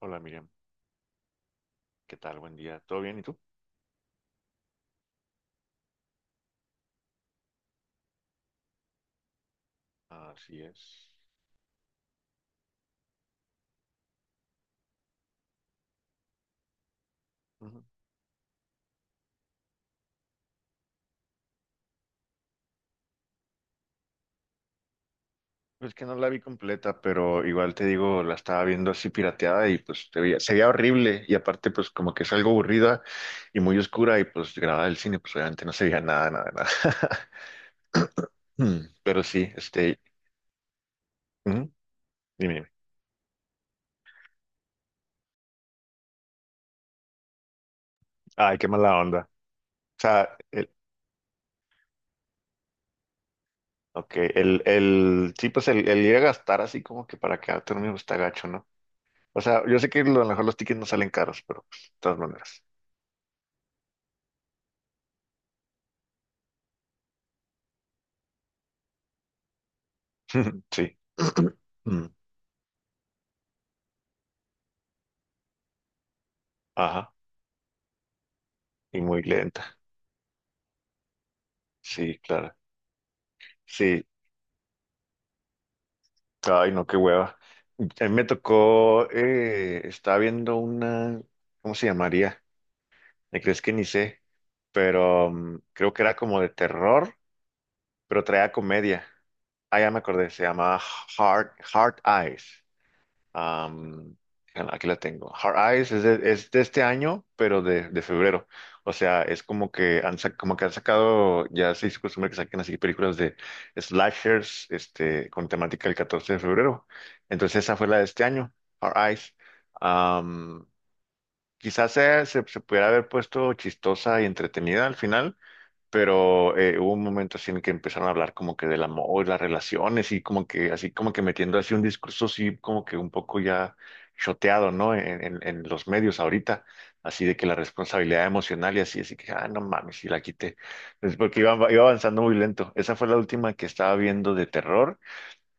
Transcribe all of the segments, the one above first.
Hola Miriam, ¿qué tal? Buen día. ¿Todo bien? ¿Y tú? Así es. Ujú. Es que no la vi completa, pero igual te digo, la estaba viendo así pirateada y pues se veía horrible y aparte pues como que es algo aburrida y muy oscura y pues grabada del cine pues obviamente no se veía nada, nada, nada. Pero sí, ujú, dime, dime. Ay, qué mala onda. O sea, ok, sí, pues el ir a gastar así como que para quedarte dormido está gacho, ¿no? O sea, yo sé que a lo mejor los tickets no salen caros, pero pues, de todas maneras. Sí. Mm. Ajá. Y muy lenta. Sí, claro. Sí. Ay, no, qué hueva. A mí me tocó, estaba viendo una, ¿cómo se llamaría? Me crees que ni sé, pero creo que era como de terror, pero traía comedia. Ah, ya me acordé, se llamaba Hard Eyes. Am, bueno, aquí la tengo. Hard Eyes es de este año, pero de febrero. O sea, es como que como que han sacado, ya se hizo costumbre que saquen así películas de slashers, con temática del 14 de febrero. Entonces esa fue la de este año, Hard Eyes. Am, quizás se pudiera haber puesto chistosa y entretenida al final, pero hubo un momento así en el que empezaron a hablar como que del amor, las relaciones y como que así como que metiendo así un discurso así como que un poco ya choteado, ¿no? En los medios ahorita, así de que la responsabilidad emocional y así, así que, ah, no mames, si la quité, es porque iba avanzando muy lento. Esa fue la última que estaba viendo de terror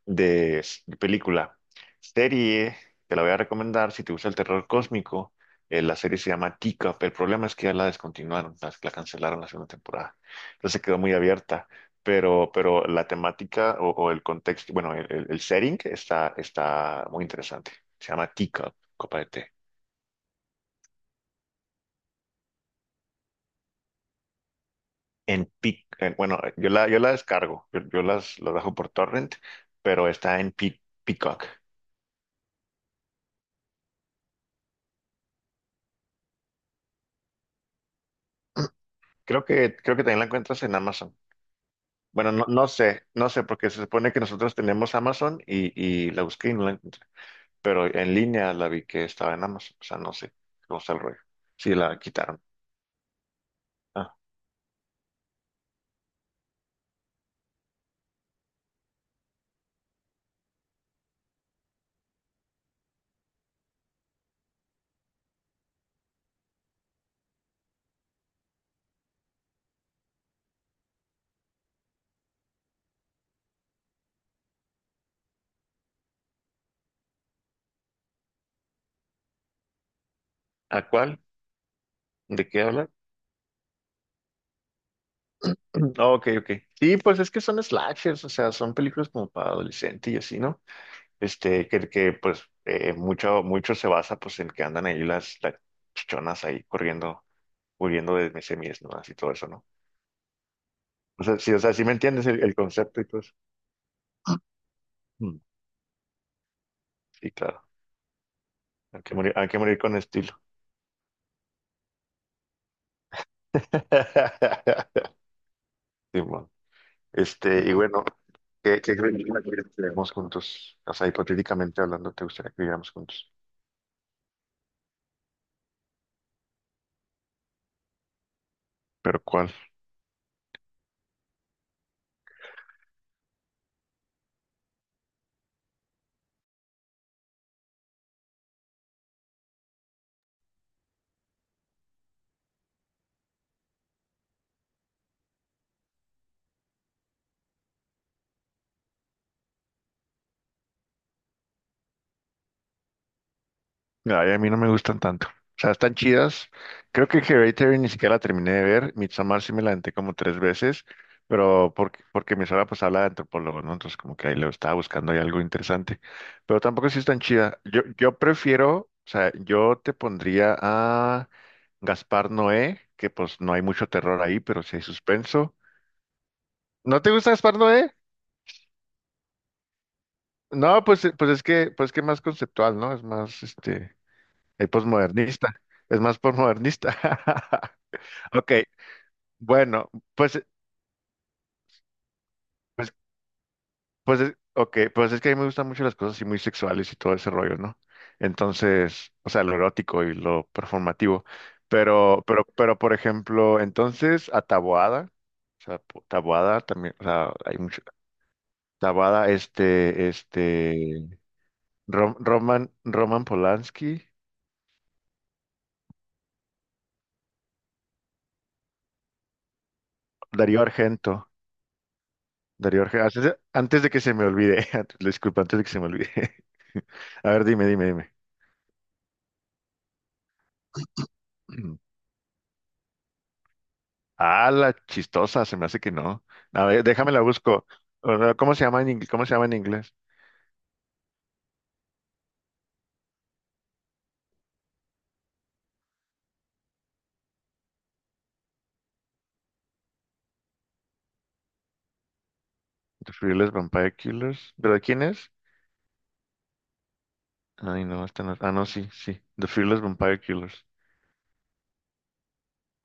de película. Serie, te la voy a recomendar si te gusta el terror cósmico. La serie se llama Teacup. El problema es que ya la descontinuaron, cancelaron la segunda temporada. Entonces quedó muy abierta. Pero la temática o el contexto, bueno, el setting está muy interesante. Se llama Teacup, copa de té. Bueno, yo la descargo, yo las bajo por torrent, pero está en Peacock. Creo que también la encuentras en Amazon. Bueno, no, no sé, porque se supone que nosotros tenemos Amazon y la busqué y no la encontré, pero en línea la vi que estaba en Amazon, o sea, no sé cómo está el rollo. Sí, la quitaron. Ah, ¿a cuál? ¿De qué hablar? Ah, ok, ok. Sí, pues es que son slashers, o sea, son películas como para adolescente y así, ¿no? Que pues mucho, mucho se basa pues en que andan ahí las chichonas ahí corriendo, huyendo de semis, ¿no? Así todo eso, ¿no? O sea, sí me entiendes el concepto y todo eso. Sí, claro. Hay que morir con estilo. Simón. Y bueno, ¿qué crees que viviéramos juntos? O sea, hipotéticamente hablando, ¿te gustaría que viviéramos juntos? ¿Pero cuál? Ay, a mí no me gustan tanto. O sea, están chidas. Creo que Hereditary ni siquiera la terminé de ver. Midsommar sí me la aventé como tres veces, pero porque mi suegra pues habla de antropólogo, ¿no? Entonces como que ahí lo estaba buscando ahí algo interesante. Pero tampoco sí es tan chida. Yo prefiero, o sea, yo te pondría a Gaspar Noé, que pues no hay mucho terror ahí, pero sí hay suspenso. ¿No te gusta Gaspar Noé? No, pues, pues es que, pues que más conceptual, ¿no? Es más, el posmodernista. Es más posmodernista. Ok, bueno, pues, pues, pues, ok, pues es que a mí me gustan mucho las cosas así muy sexuales y todo ese rollo, ¿no? Entonces, o sea, lo erótico y lo performativo. Pero, por ejemplo, entonces, a Taboada, o sea, Taboada también, o sea, hay mucho, Taboada, Roman Polanski, Darío Argento, Darío Argento, antes de que se me olvide, disculpa, antes de que se me olvide. A ver, dime, dime, dime. Ah, la chistosa, se me hace que no. A ver, déjame la busco. O sea, ¿cómo se llama en inglés? ¿Cómo se llama en inglés? The Fearless Vampire Killers. ¿Pero de quién es? Ay, no, esta no. Ah, no, sí, sí. The Fearless Vampire Killers.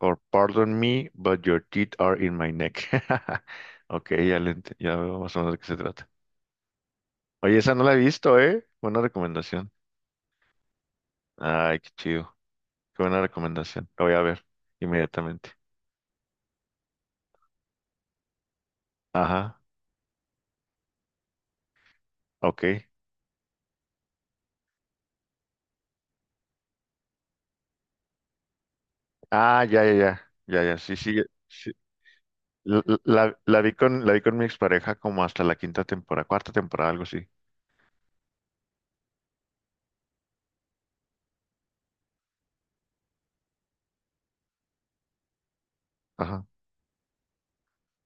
Or Pardon Me, but your teeth are in my neck. Ok, ya, ya veo más o menos de qué se trata. Oye, esa no la he visto, ¿eh? Buena recomendación. Ay, qué chido. Qué buena recomendación. La voy a ver inmediatamente. Ajá, ok. Ah, ya, ya, ya. Ya, ya, sí, sí. La vi con mi expareja como hasta la quinta temporada, cuarta temporada, algo así. Ajá.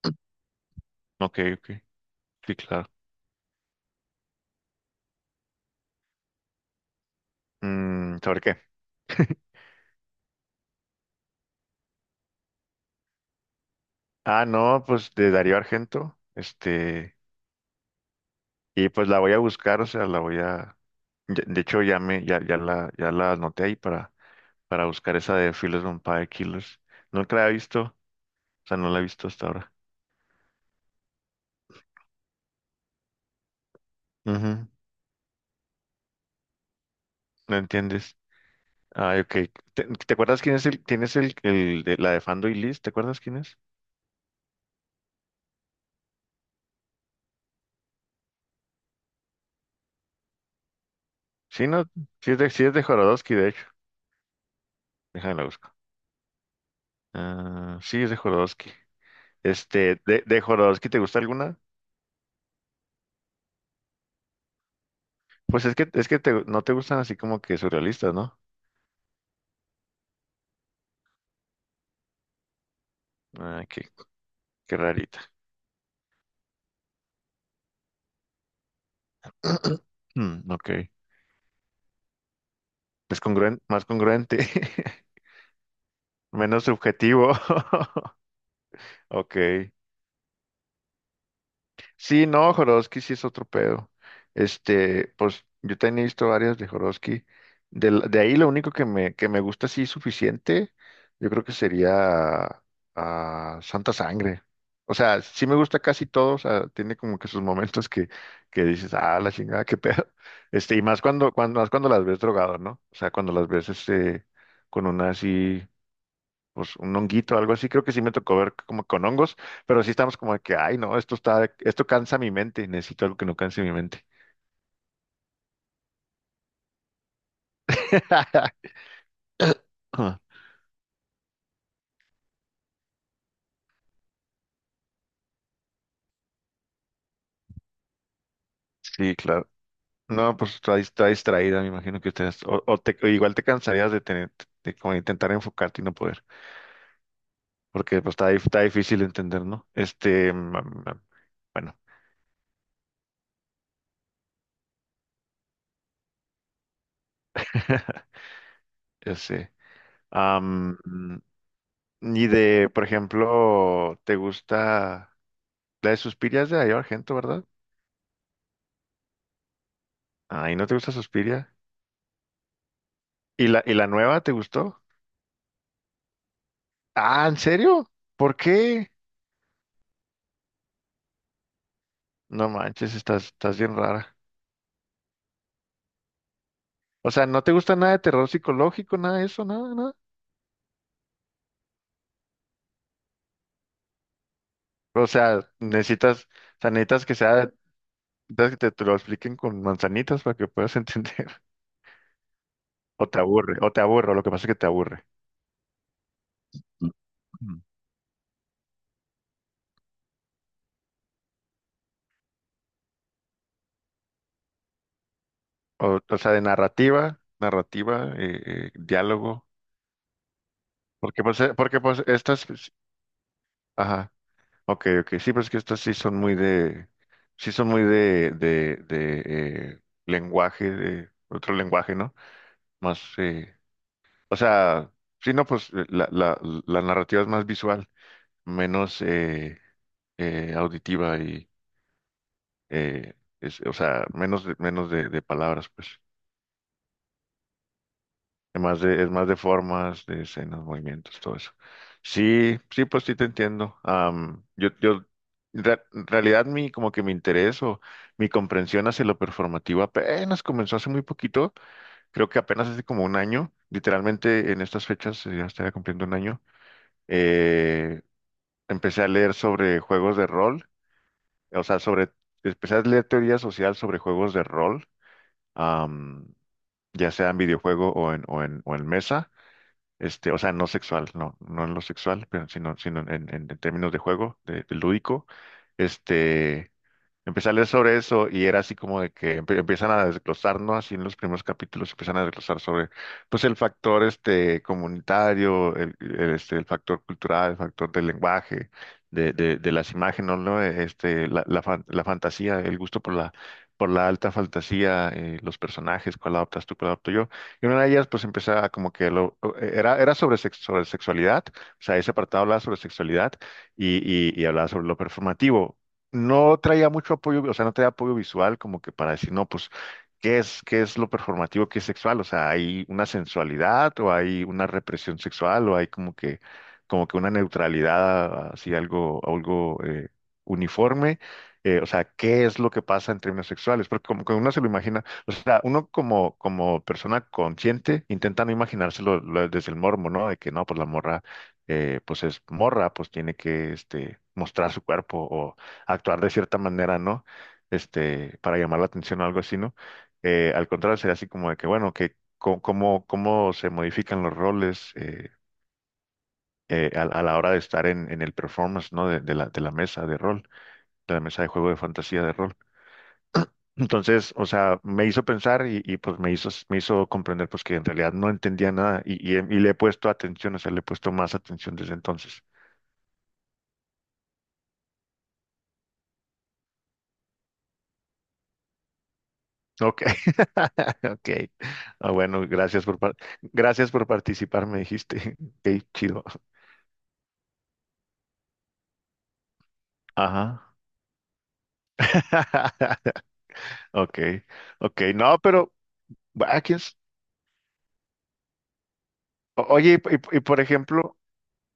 Ok, ok. Sí, claro. ¿Sobre qué? Ah, no, pues de Darío Argento. Y pues la voy a buscar, o sea, la voy a. ya- De hecho, ya me, ya, ya la, ya la anoté ahí para, buscar esa de Fearless Vampire Killers. Nunca la he visto, o sea, no la he visto hasta ahora. Ujú, ¿no entiendes? Ah, ok. ¿Te acuerdas quién es el de la de Fando y Liz? ¿Te acuerdas quién es? Sí, no, sí es de Jorodowski, de hecho. Déjame la busco. Ah, sí, es de Jorodowski. De, Jorodowski, ¿te gusta alguna? Pues no te gustan así como que surrealistas, ¿no? Ah, qué rarita. Mm, ok. Es congruente, más congruente. Menos subjetivo. Ok. Sí, no, Jodorowsky sí es otro pedo. Pues yo también he visto varias de Jodorowsky. De ahí lo único que me gusta así suficiente, yo creo que sería Santa Sangre. O sea, sí me gusta casi todo, o sea, tiene como que sus momentos que dices, ah, la chingada, qué pedo. Y más cuando las ves drogado, ¿no? O sea, cuando las ves con una así pues un honguito, algo así, creo que sí me tocó ver como con hongos, pero sí estamos como de que, ay, no, esto cansa mi mente, necesito algo que no canse mi mente. Sí, claro. No, pues está distraída, me imagino que ustedes, o igual te cansarías de tener, de como intentar enfocarte y no poder, porque pues está difícil de entender, ¿no? Bueno, ya sé. Am, mm, y por ejemplo, ¿te gusta la de Suspirias de Darío Argento, verdad? Ay, ¿no te gusta Suspiria? ¿Y la nueva te gustó? Ah, ¿en serio? ¿Por qué? No manches, estás bien rara. O sea, ¿no te gusta nada de terror psicológico, nada de eso, nada, nada? O sea, necesitas, o sea, necesitas que te lo expliquen con manzanitas para que puedas entender. O te aburre, o te aburre, o lo que pasa es que te aburre. Ujú. O sea, de narrativa, narrativa, diálogo. Porque pues estas, pues, ajá. Ok, ok, sí, pero es que estas sí son muy de lenguaje, de otro lenguaje, ¿no? Más, o sea, sí, no, pues la narrativa es más visual, menos auditiva y, eh, o sea, menos de palabras, pues. Es más de formas, de escenas, movimientos, todo eso. Sí, sí, pues sí te entiendo. En realidad como que mi interés o mi comprensión hacia lo performativo apenas comenzó hace muy poquito. Creo que apenas hace como un año, literalmente en estas fechas, ya estaría cumpliendo un año. eh, Empecé a leer sobre juegos de rol, o sea, empecé a leer teoría social sobre juegos de rol, am, ya sea en videojuego o en mesa. O sea, no sexual, no, no en lo sexual, pero sino en términos de juego, de lúdico. Este, Empecé a leer sobre eso y era así como de que empiezan a desglosar, ¿no? Así en los primeros capítulos empiezan a desglosar sobre, pues, el factor este comunitario, el factor cultural, el factor del lenguaje, de las imágenes, ¿no? La fantasía, el gusto por la alta fantasía, los personajes, cuál adoptas tú, cuál adopto yo. Y una de ellas, pues, empezaba como que era sobre sexualidad, o sea, ese apartado hablaba sobre sexualidad y, y, hablaba sobre lo performativo, no traía mucho apoyo, o sea, no traía apoyo visual como que para decir, no, pues, ¿qué es, lo performativo, qué es sexual? O sea, ¿hay una sensualidad o hay una represión sexual o hay como que una neutralidad, así algo uniforme? O sea, ¿qué es lo que pasa en términos sexuales? Porque como que uno se lo imagina, o sea, uno como persona consciente intenta no imaginárselo, desde el morbo, ¿no? De que no, pues la morra pues es morra, pues tiene que mostrar su cuerpo, actuar de cierta manera, ¿no? Para llamar la atención o algo así, ¿no? Al contrario, sería así como de que, bueno, que cómo se modifican los roles a la hora de estar en el performance, ¿no? De la mesa de rol, de la mesa de juego de fantasía de rol. Entonces, o sea, me hizo pensar pues me hizo, comprender pues que en realidad no entendía nada y le he puesto atención, o sea, le he puesto más atención desde entonces. Ok, ok. Ah, bueno, gracias por participar, me dijiste. Ok, chido. Ajá. Ok, ok. No, pero, va, oye, y por ejemplo,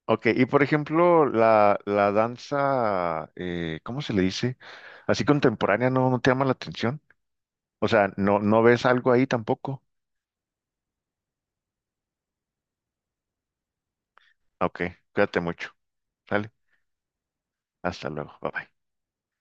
ok, la la danza, ¿cómo se le dice? Así contemporánea, ¿no, no te llama la atención? O sea, ¿no, no ves algo ahí tampoco? Ok, cuídate mucho. Sale, hasta luego. Bye bye.